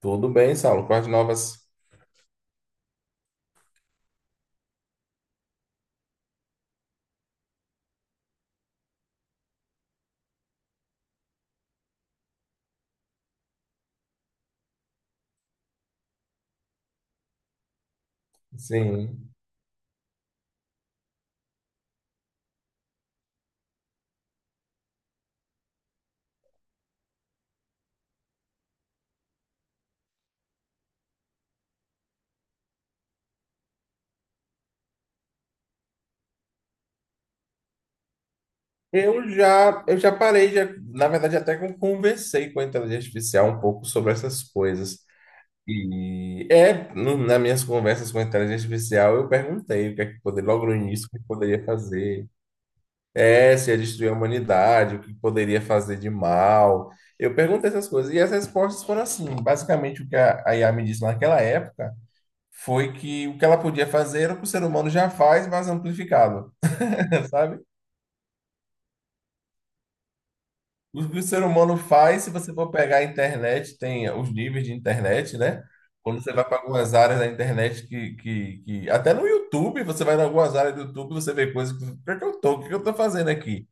Tudo bem, Saulo. Com as novas. Sim. Eu já parei, já, na verdade, até que eu conversei com a inteligência artificial um pouco sobre essas coisas. E é, nas minhas conversas com a inteligência artificial, eu perguntei o que é que poderia, logo no início, o que poderia fazer. É, se ia destruir a humanidade, o que poderia fazer de mal. Eu perguntei essas coisas. E as respostas foram assim. Basicamente, o que a IA me disse naquela época foi que o que ela podia fazer era o que o ser humano já faz, mas amplificado, sabe? O que o ser humano faz, se você for pegar a internet, tem os níveis de internet, né? Quando você vai para algumas áreas da internet até no YouTube, você vai em algumas áreas do YouTube, você vê coisas que... Por que eu tô? O que eu tô fazendo aqui?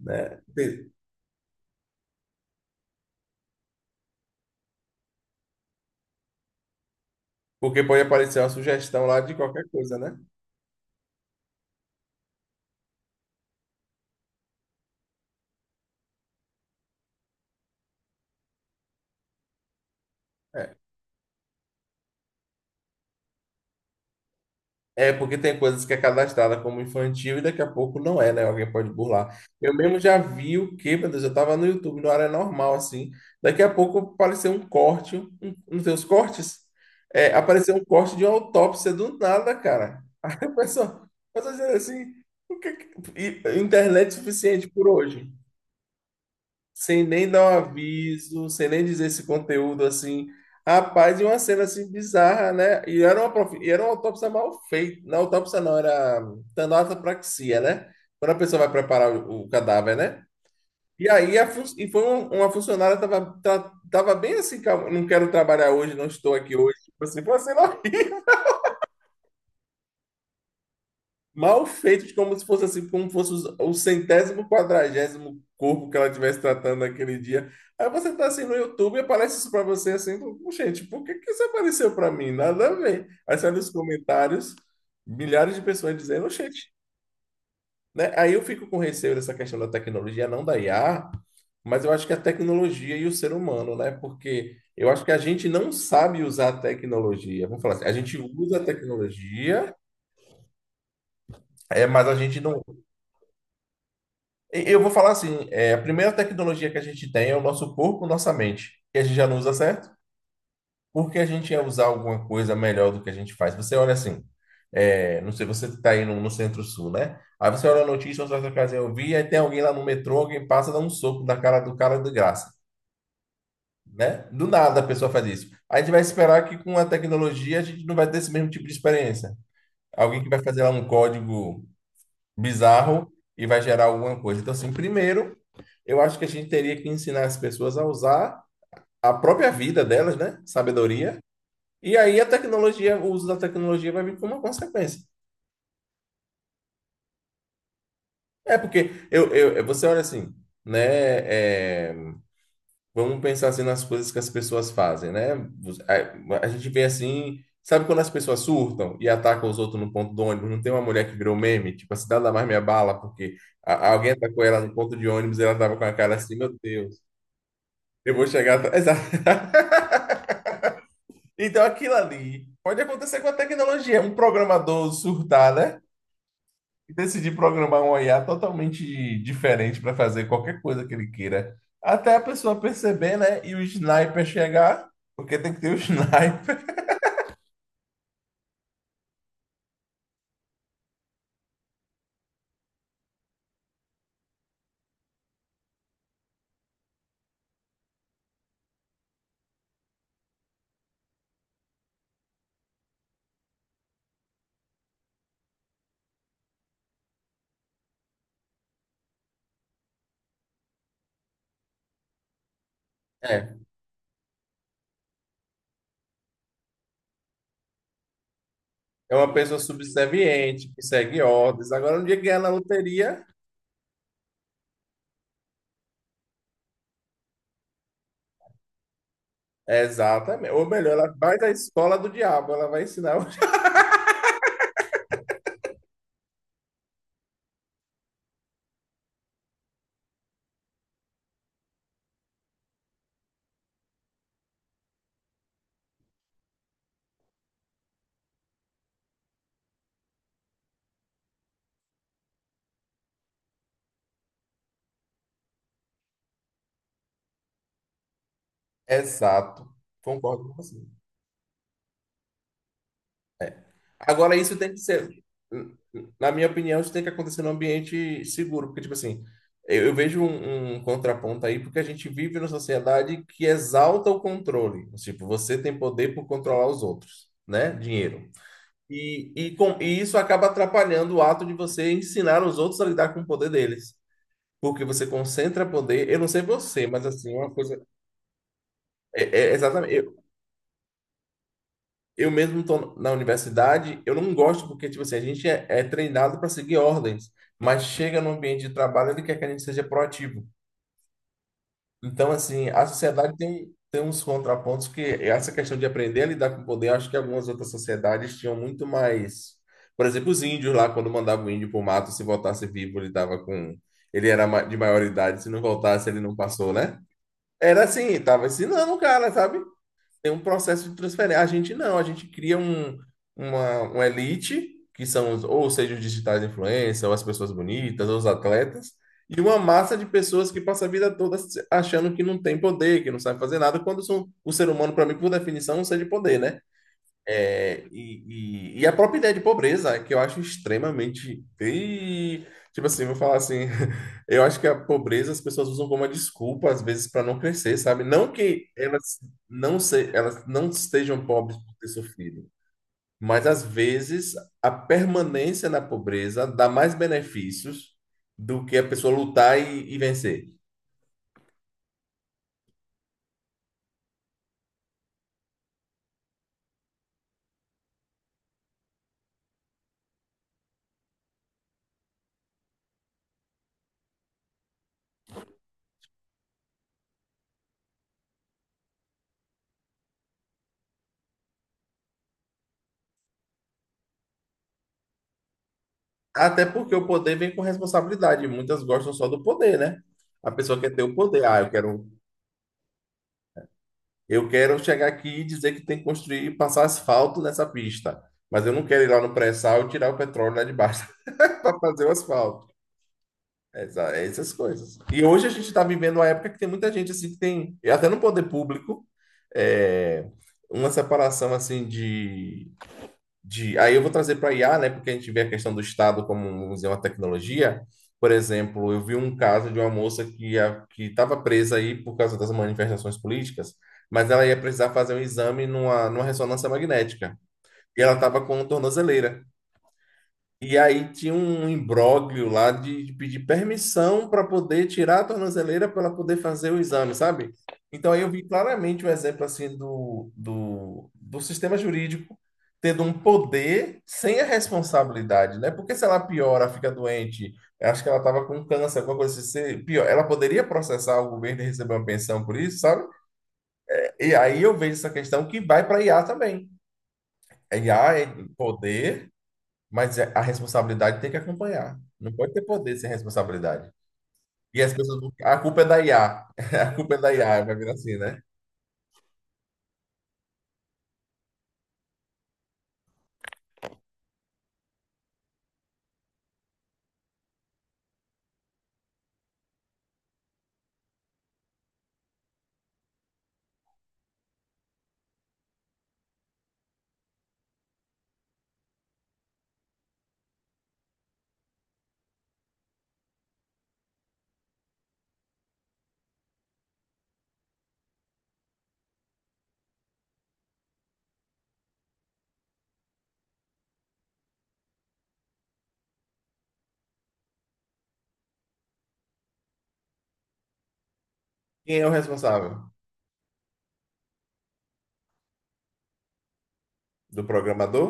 Né? Porque pode aparecer uma sugestão lá de qualquer coisa, né? É porque tem coisas que é cadastrada como infantil e daqui a pouco não é, né? Alguém pode burlar. Eu mesmo já vi o que, meu Deus, eu tava no YouTube, na área normal, assim. Daqui a pouco apareceu um corte, um dos cortes, é, apareceu um corte de uma autópsia do nada, cara. A pessoa dizendo assim, o que, que- e- internet suficiente por hoje, sem nem dar um aviso, sem nem dizer esse conteúdo assim. Rapaz, e uma cena assim bizarra, né? E era uma, e era uma autópsia mal feita. Não, autópsia não, era tanatopraxia, né? Quando a pessoa vai preparar o cadáver, né? E aí a fun- e foi um- uma funcionária tava, tava bem assim, calma, não quero trabalhar hoje, não estou aqui hoje. Tipo assim, foi uma cena mal feito, como se fosse assim, como fosse o centésimo quadragésimo corpo que ela estivesse tratando naquele dia. Aí você tá assim no YouTube e aparece isso pra você assim, "Pô, gente, por que que isso apareceu pra mim? Nada a ver." Aí você olha comentários, milhares de pessoas dizendo, gente, né? Aí eu fico com receio dessa questão da tecnologia, não da IA, mas eu acho que a tecnologia e o ser humano, né? Porque eu acho que a gente não sabe usar a tecnologia. Vamos falar assim, a gente usa a tecnologia, é, mas a gente não. Eu vou falar assim, é, a primeira tecnologia que a gente tem é o nosso corpo, nossa mente, que a gente já não usa certo, porque a gente ia usar alguma coisa melhor do que a gente faz. Você olha assim, é, não sei, você está aí no Centro-Sul, né? Aí você olha a notícia, você vai casa eu vi, aí tem alguém lá no metrô, alguém passa, dá um soco na cara do cara de graça, né? Do nada a pessoa faz isso. A gente vai esperar que com a tecnologia a gente não vai ter esse mesmo tipo de experiência. Alguém que vai fazer lá um código bizarro e vai gerar alguma coisa. Então, assim, primeiro eu acho que a gente teria que ensinar as pessoas a usar a própria vida delas, né? Sabedoria. E aí a tecnologia, o uso da tecnologia vai vir como uma consequência. É porque você olha assim, né? É, vamos pensar assim nas coisas que as pessoas fazem, né? A gente vê assim, sabe quando as pessoas surtam e atacam os outros no ponto de ônibus? Não tem uma mulher que virou meme, tipo, a cidade da mais me abala, porque alguém atacou ela no ponto de ônibus e ela tava com a cara assim, meu Deus, eu vou chegar atrasada." Então, aquilo ali pode acontecer com a tecnologia. Um programador surtar, né? E decidir programar um IA totalmente diferente para fazer qualquer coisa que ele queira. Até a pessoa perceber, né? E o sniper chegar, porque tem que ter o sniper. É, é uma pessoa subserviente, que segue ordens. Agora, no dia que ganhar na loteria, é exatamente. Ou melhor, ela vai da escola do diabo, ela vai ensinar. O- Exato. Concordo com você. Agora, isso tem que ser, na minha opinião, isso tem que acontecer num ambiente seguro, porque, tipo assim, eu vejo um contraponto aí, porque a gente vive numa sociedade que exalta o controle. Tipo, você tem poder por controlar os outros, né? Dinheiro. E isso acaba atrapalhando o ato de você ensinar os outros a lidar com o poder deles. Porque você concentra poder. Eu não sei você, mas assim, uma coisa. É, é exatamente. Eu mesmo estou na universidade, eu não gosto porque, tipo assim, a gente é treinado para seguir ordens, mas chega no ambiente de trabalho, ele quer que a gente seja proativo. Então, assim, a sociedade tem uns contrapontos que essa questão de aprender a lidar com o poder, eu acho que algumas outras sociedades tinham muito mais. Por exemplo, os índios lá, quando mandavam o índio para o mato, se voltasse vivo, ele tava com. Ele era de maior idade, se não voltasse, ele não passou, né? Era assim, tava ensinando o cara, sabe? Tem um processo de transferência. A gente não, a gente cria um, uma elite, que são, ou seja, os digitais influencers, ou as pessoas bonitas, ou os atletas, e uma massa de pessoas que passa a vida toda achando que não tem poder, que não sabe fazer nada, quando são, o ser humano, para mim, por definição, é um ser de poder, né? E a própria ideia de pobreza, que eu acho extremamente. Ih, tipo assim, vou falar assim. Eu acho que a pobreza as pessoas usam como uma desculpa, às vezes, para não crescer, sabe? Não que elas não, se, elas não estejam pobres por ter sofrido, mas às vezes a permanência na pobreza dá mais benefícios do que a pessoa lutar e vencer. Até porque o poder vem com responsabilidade. Muitas gostam só do poder, né? A pessoa quer ter o poder. Ah, eu quero chegar aqui e dizer que tem que construir, passar asfalto nessa pista. Mas eu não quero ir lá no pré-sal e tirar o petróleo lá de baixo para fazer o asfalto. Essa- é essas coisas. E hoje a gente está vivendo uma época que tem muita gente assim que tem, e até no poder público, é, uma separação assim de de. Aí eu vou trazer para IA, né? Porque a gente vê a questão do Estado como, vamos dizer, uma tecnologia. Por exemplo, eu vi um caso de uma moça que estava presa aí por causa das manifestações políticas, mas ela ia precisar fazer um exame numa ressonância magnética. E ela estava com tornozeleira. E aí tinha um imbróglio lá de pedir permissão para poder tirar a tornozeleira para poder fazer o exame, sabe? Então aí eu vi claramente um exemplo assim do sistema jurídico tendo um poder sem a responsabilidade, né? Porque se ela piora, fica doente, acho que ela estava com câncer, alguma coisa assim, se pior, ela poderia processar o governo e receber uma pensão por isso, sabe? E aí eu vejo essa questão que vai para IA também. A IA é poder, mas é- a responsabilidade tem que acompanhar. Não pode ter poder sem responsabilidade. E as pessoas, a culpa é da IA. A A culpa é da IA, vai vir assim, né? Quem é o responsável? Do programador?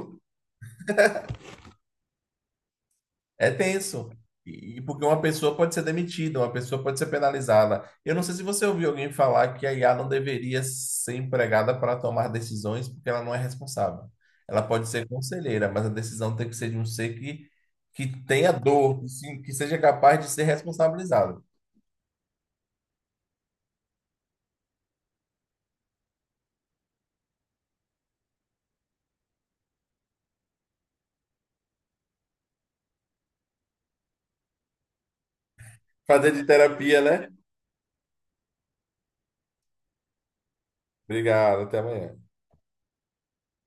É tenso. E porque uma pessoa pode ser demitida, uma pessoa pode ser penalizada. Eu não sei se você ouviu alguém falar que a IA não deveria ser empregada para tomar decisões porque ela não é responsável. Ela pode ser conselheira, mas a decisão tem que ser de um ser que tenha dor, que, se- que seja capaz de ser responsabilizado. Fazer de terapia, né? Obrigado, até amanhã.